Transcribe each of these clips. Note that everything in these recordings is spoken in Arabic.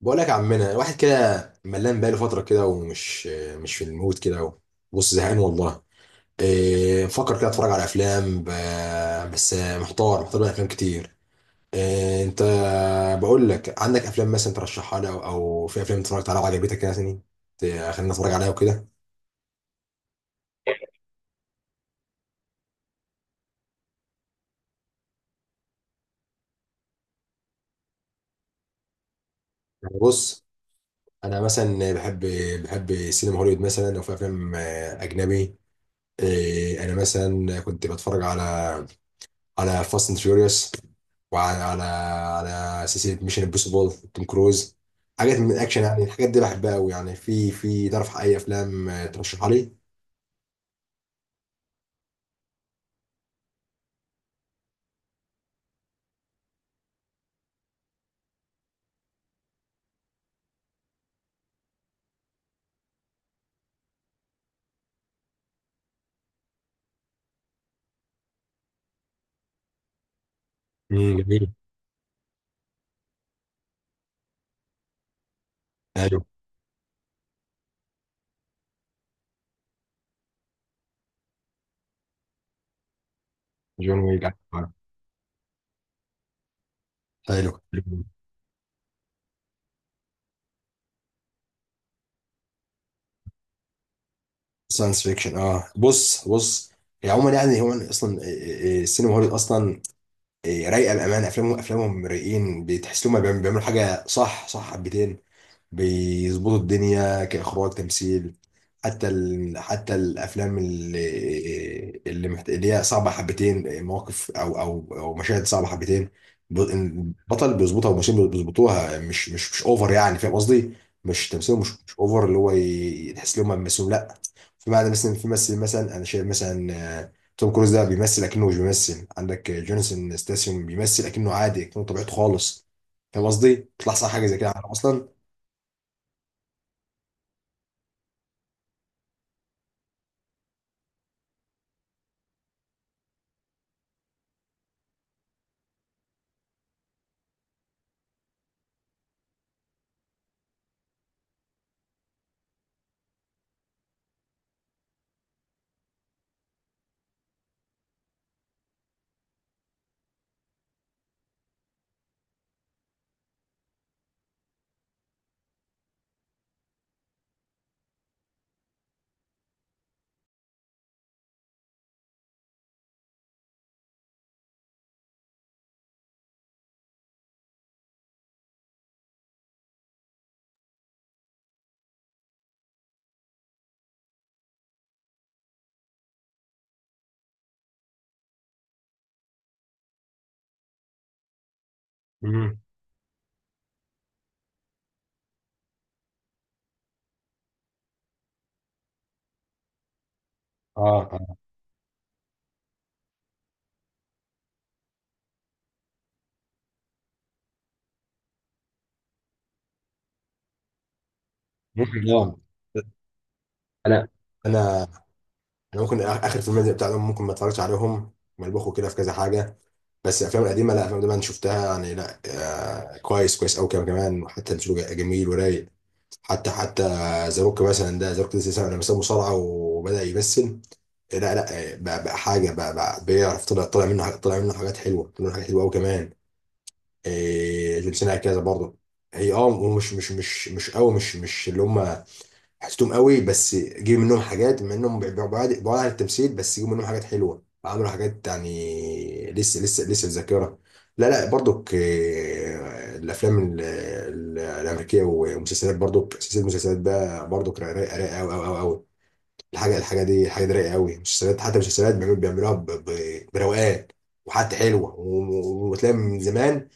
بقول لك يا عمنا، واحد كده ملان بقاله فتره كده ومش مش في المود كده. بص، زهقان والله. إيه، بفكر كده اتفرج على افلام بس محتار محتار بين افلام كتير. إيه انت، بقول لك عندك افلام مثلا ترشحها لي او في افلام اتفرجت عليها وعجبتك يعني؟ خلينا نتفرج عليها وكده. يعني بص، انا مثلا بحب سينما هوليوود مثلا، او في افلام اجنبي. إيه، انا مثلا كنت بتفرج على على فاست اند فيوريوس، وعلى على على سلسله ميشن امبوسيبل، توم كروز. حاجات من الاكشن، يعني الحاجات دي بحبها قوي. يعني في، تعرف اي افلام ترشحها لي؟ جميل. حلو. جون ويك، عارف. حلو. ساينس فيكشن، بص بص. هي عموما يعني، هو اصلا، السينما هوليوود اصلا. رايقه بامانه. افلامهم رايقين، بتحس انهم بيعملوا حاجه صح صح حبتين. بيظبطوا الدنيا كإخراج تمثيل. حتى حتى الأفلام اللي هي صعبة حبتين، مواقف أو مشاهد صعبة حبتين. البطل بيظبطها، والممثلين بيظبطوها مش أوفر يعني. فاهم قصدي؟ مش تمثيله مش أوفر. اللي هو تحس إن هم بيمثلوا، لا. في معنى، مثلا في ممثل مثلا أنا شايف، مثلا آه، توم كروز ده بيمثل أكنه مش بيمثل. عندك جونسون ستاسيوم بيمثل أكنه عادي، أكنه طبيعته خالص. فاهم قصدي؟ بيطلع صح، حاجة زي كده أصلا. مم. اه، اه، ممكن طبعا. انا انا انا ممكن، اخر فيلم زي بتاعهم ممكن ما اتفرجتش عليهم، ملبخوا كده في كذا حاجه. بس الافلام القديمه، لا الافلام دي انا شفتها يعني، لا. آه، كويس، كويس قوي كمان. حتى الفيلم جميل ورايق. حتى ذا روك مثلا، ده ذا روك لسه لما ساب مصارعه وبدا يمثل. لا، لا، بقى حاجه، بقى بيعرف. طلع منه طلع منه حاجات حلوه، طلع منه حاجات حلوه قوي كمان. جون سينا كذا برضه. هي، ومش مش مش مش قوي، مش اللي هم حسيتهم قوي، بس جيب منهم حاجات. مع انهم بعاد عن التمثيل، بس جيب منهم حاجات حلوه، عملوا حاجات يعني لسه، لسه في ذاكره. لا، لا، برضك الافلام الامريكيه، ومسلسلات برضك. سلسله مسلسلات بقى برضك، رايقه، رايقه، رايقة قوي قوي قوي. الحاجه دي رايقه قوي. مسلسلات، حتى مسلسلات بيعملوها بروقان. وحتى حلوه، وتلاقي من زمان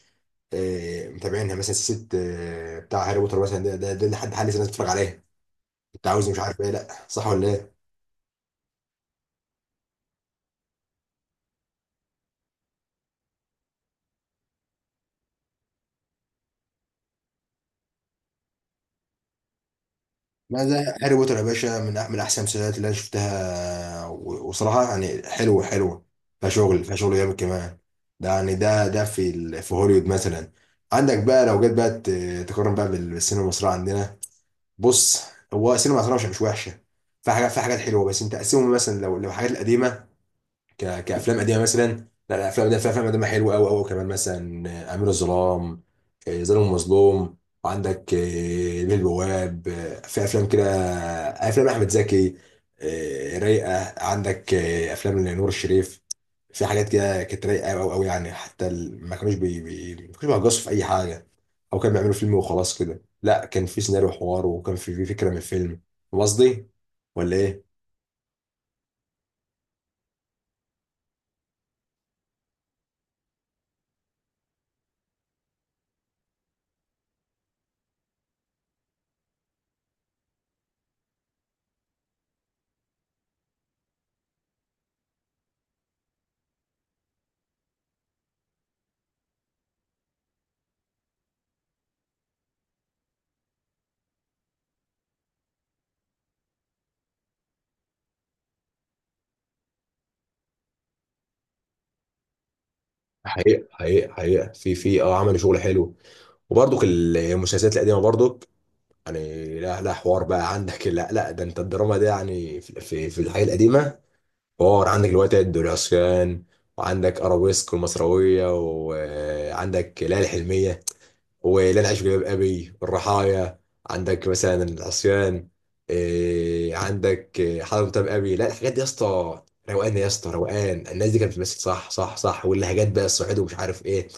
متابعينها، مثلا سلسله بتاع هاري بوتر مثلا، ده لحد حال لسه الناس بتتفرج عليها. انت عاوز، مش عارف ايه، لا صح ولا ايه؟ لا، ده هاري بوتر يا باشا، من من احسن المسلسلات اللي انا شفتها، وصراحه يعني حلوه حلوه. فيها شغل، فيها شغل جامد كمان. ده يعني ده في في هوليوود مثلا. عندك بقى لو جيت بقى تقارن بقى بالسينما المصريه عندنا. بص، هو السينما المصريه مش وحشه. في حاجات، في حاجات حلوه. بس انت قسمهم، مثلا لو الحاجات القديمه، كافلام قديمه مثلا. لا الافلام دي افلام قديمه حلوه قوي قوي كمان، مثلا امير الظلام، ظالم ومظلوم. وعندك بيه البواب، في افلام كده، افلام احمد زكي رايقه. عندك افلام لنور الشريف، في حاجات كده كانت رايقه قوي قوي يعني. حتى ما كانوش ما كانوش بيهجصوا في اي حاجه او كانوا بيعملوا فيلم وخلاص كده. لا، كان في سيناريو وحوار، وكان في فكره من الفيلم. فاهم قصدي ولا ايه؟ حقيقة حقيقة حقيقة، في عملوا شغل حلو. وبرضك المسلسلات القديمه برضك، يعني لا، لا، حوار بقى عندك. لا، لا، ده انت الدراما ده يعني، في الحياه القديمه حوار. عندك الوتد والعصيان، وعندك ارابيسك والمصراويه، وعندك ليالي الحلميه وليالي العيش في جلباب ابي والرحايا. عندك مثلا العصيان، إيه، عندك إيه، حضرة متابع ابي. لا، الحاجات دي يا اسطى روقان، يا اسطى روقان. الناس دي كانت بتمثل صح صح صح، واللهجات بقى، الصعيد ومش عارف ايه.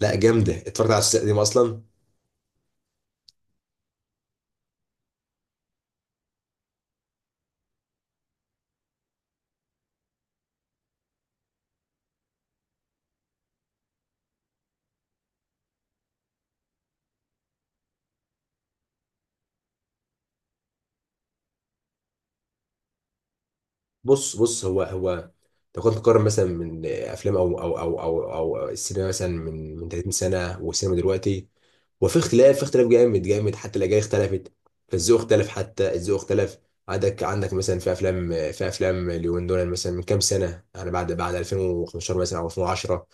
لا جامده، اتفرجت على السلسله دي اصلا. بص بص، هو هو، لو كنت تقارن مثلا من افلام او السينما مثلا من 30 سنه والسينما دلوقتي. وفي اختلاف، في اختلاف جامد جامد، حتى الاجيال اختلفت، الذوق اختلف، حتى الذوق اختلف. عندك مثلا، في افلام، في افلام اليومين دول، مثلا من كام سنه يعني، بعد 2015 مثلا او 2010.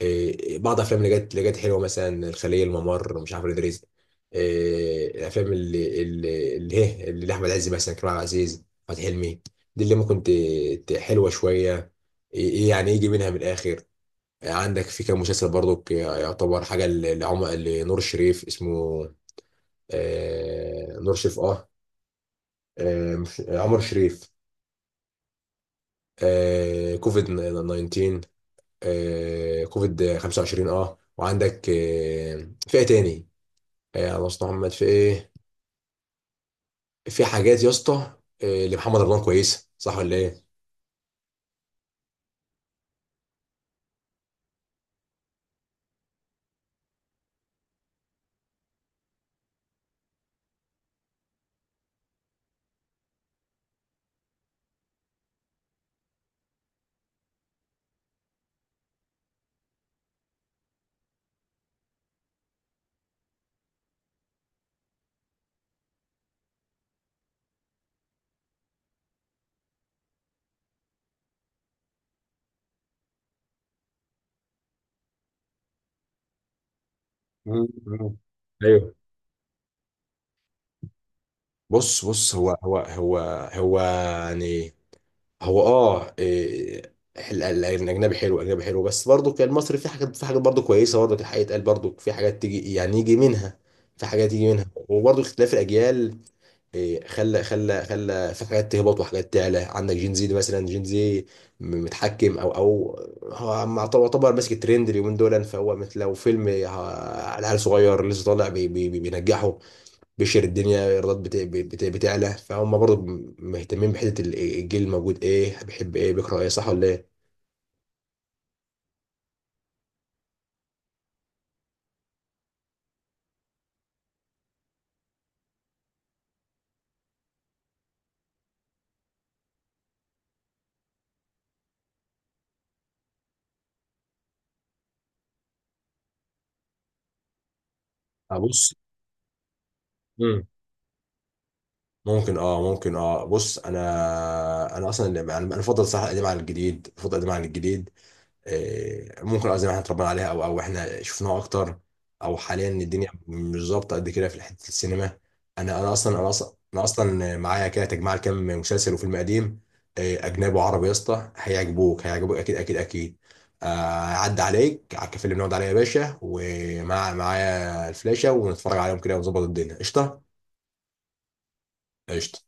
إيه، بعض الافلام اللي جت حلوه، مثلا الخليه، الممر، مش عارف، ادريس. إيه، الافلام اللي احمد عز مثلا، كريم عبد العزيز، احمد حلمي. دي اللي ممكن حلوه شويه. ايه، إيه يعني يجي منها من الاخر. عندك في كام مسلسل برضك يعتبر حاجه ل- لعمر لنور الشريف، اسمه نور شريف، عمر شريف. كوفيد 19، كوفيد 25، وعندك في ايه تاني. على مصطفى محمد، في ايه، في حاجات يا اسطى. لمحمد رمضان كويسه صح ولا ايه؟ مم. مم. ايوه، بص بص، هو يعني، هو إيه، الاجنبي حلو، الاجنبي حلو. بس برضه كان المصري في حاجات، في حاجات برضه كويسه. برضه الحقيقه يتقال، برضه في حاجات تيجي يعني يجي منها، في حاجات يجي منها. وبرضه اختلاف الاجيال، إيه، خلى في حاجات تهبط وحاجات تعلى. عندك جين زي ده مثلا، جين زي متحكم، او هو يعتبر ماسك الترند اليومين دول. فهو مثل لو فيلم على عيل صغير لسه طالع، بينجحه، بيشهر الدنيا، الايرادات بتعلى. فهم برضه مهتمين بحته الجيل الموجود، ايه بيحب، ايه بيقرا، ايه، صح ولا ايه؟ ابص. مم. ممكن، ممكن، بص، انا. انا اصلا انا بفضل صح القديم على الجديد، بفضل القديم على الجديد. ممكن قصدي إن احنا اتربينا عليها، او احنا شفناها اكتر، او حاليا الدنيا مش ظابطه قد كده في حته السينما. انا اصلا معايا كده تجمع كام مسلسل وفيلم قديم اجنبي وعربي يا اسطى، هيعجبوك اكيد اكيد اكيد. آه، عدى عليك على الكافيه اللي بنقعد عليه يا باشا، ومع معايا الفلاشه، ونتفرج عليهم كده ونظبط الدنيا قشطه. قشطه.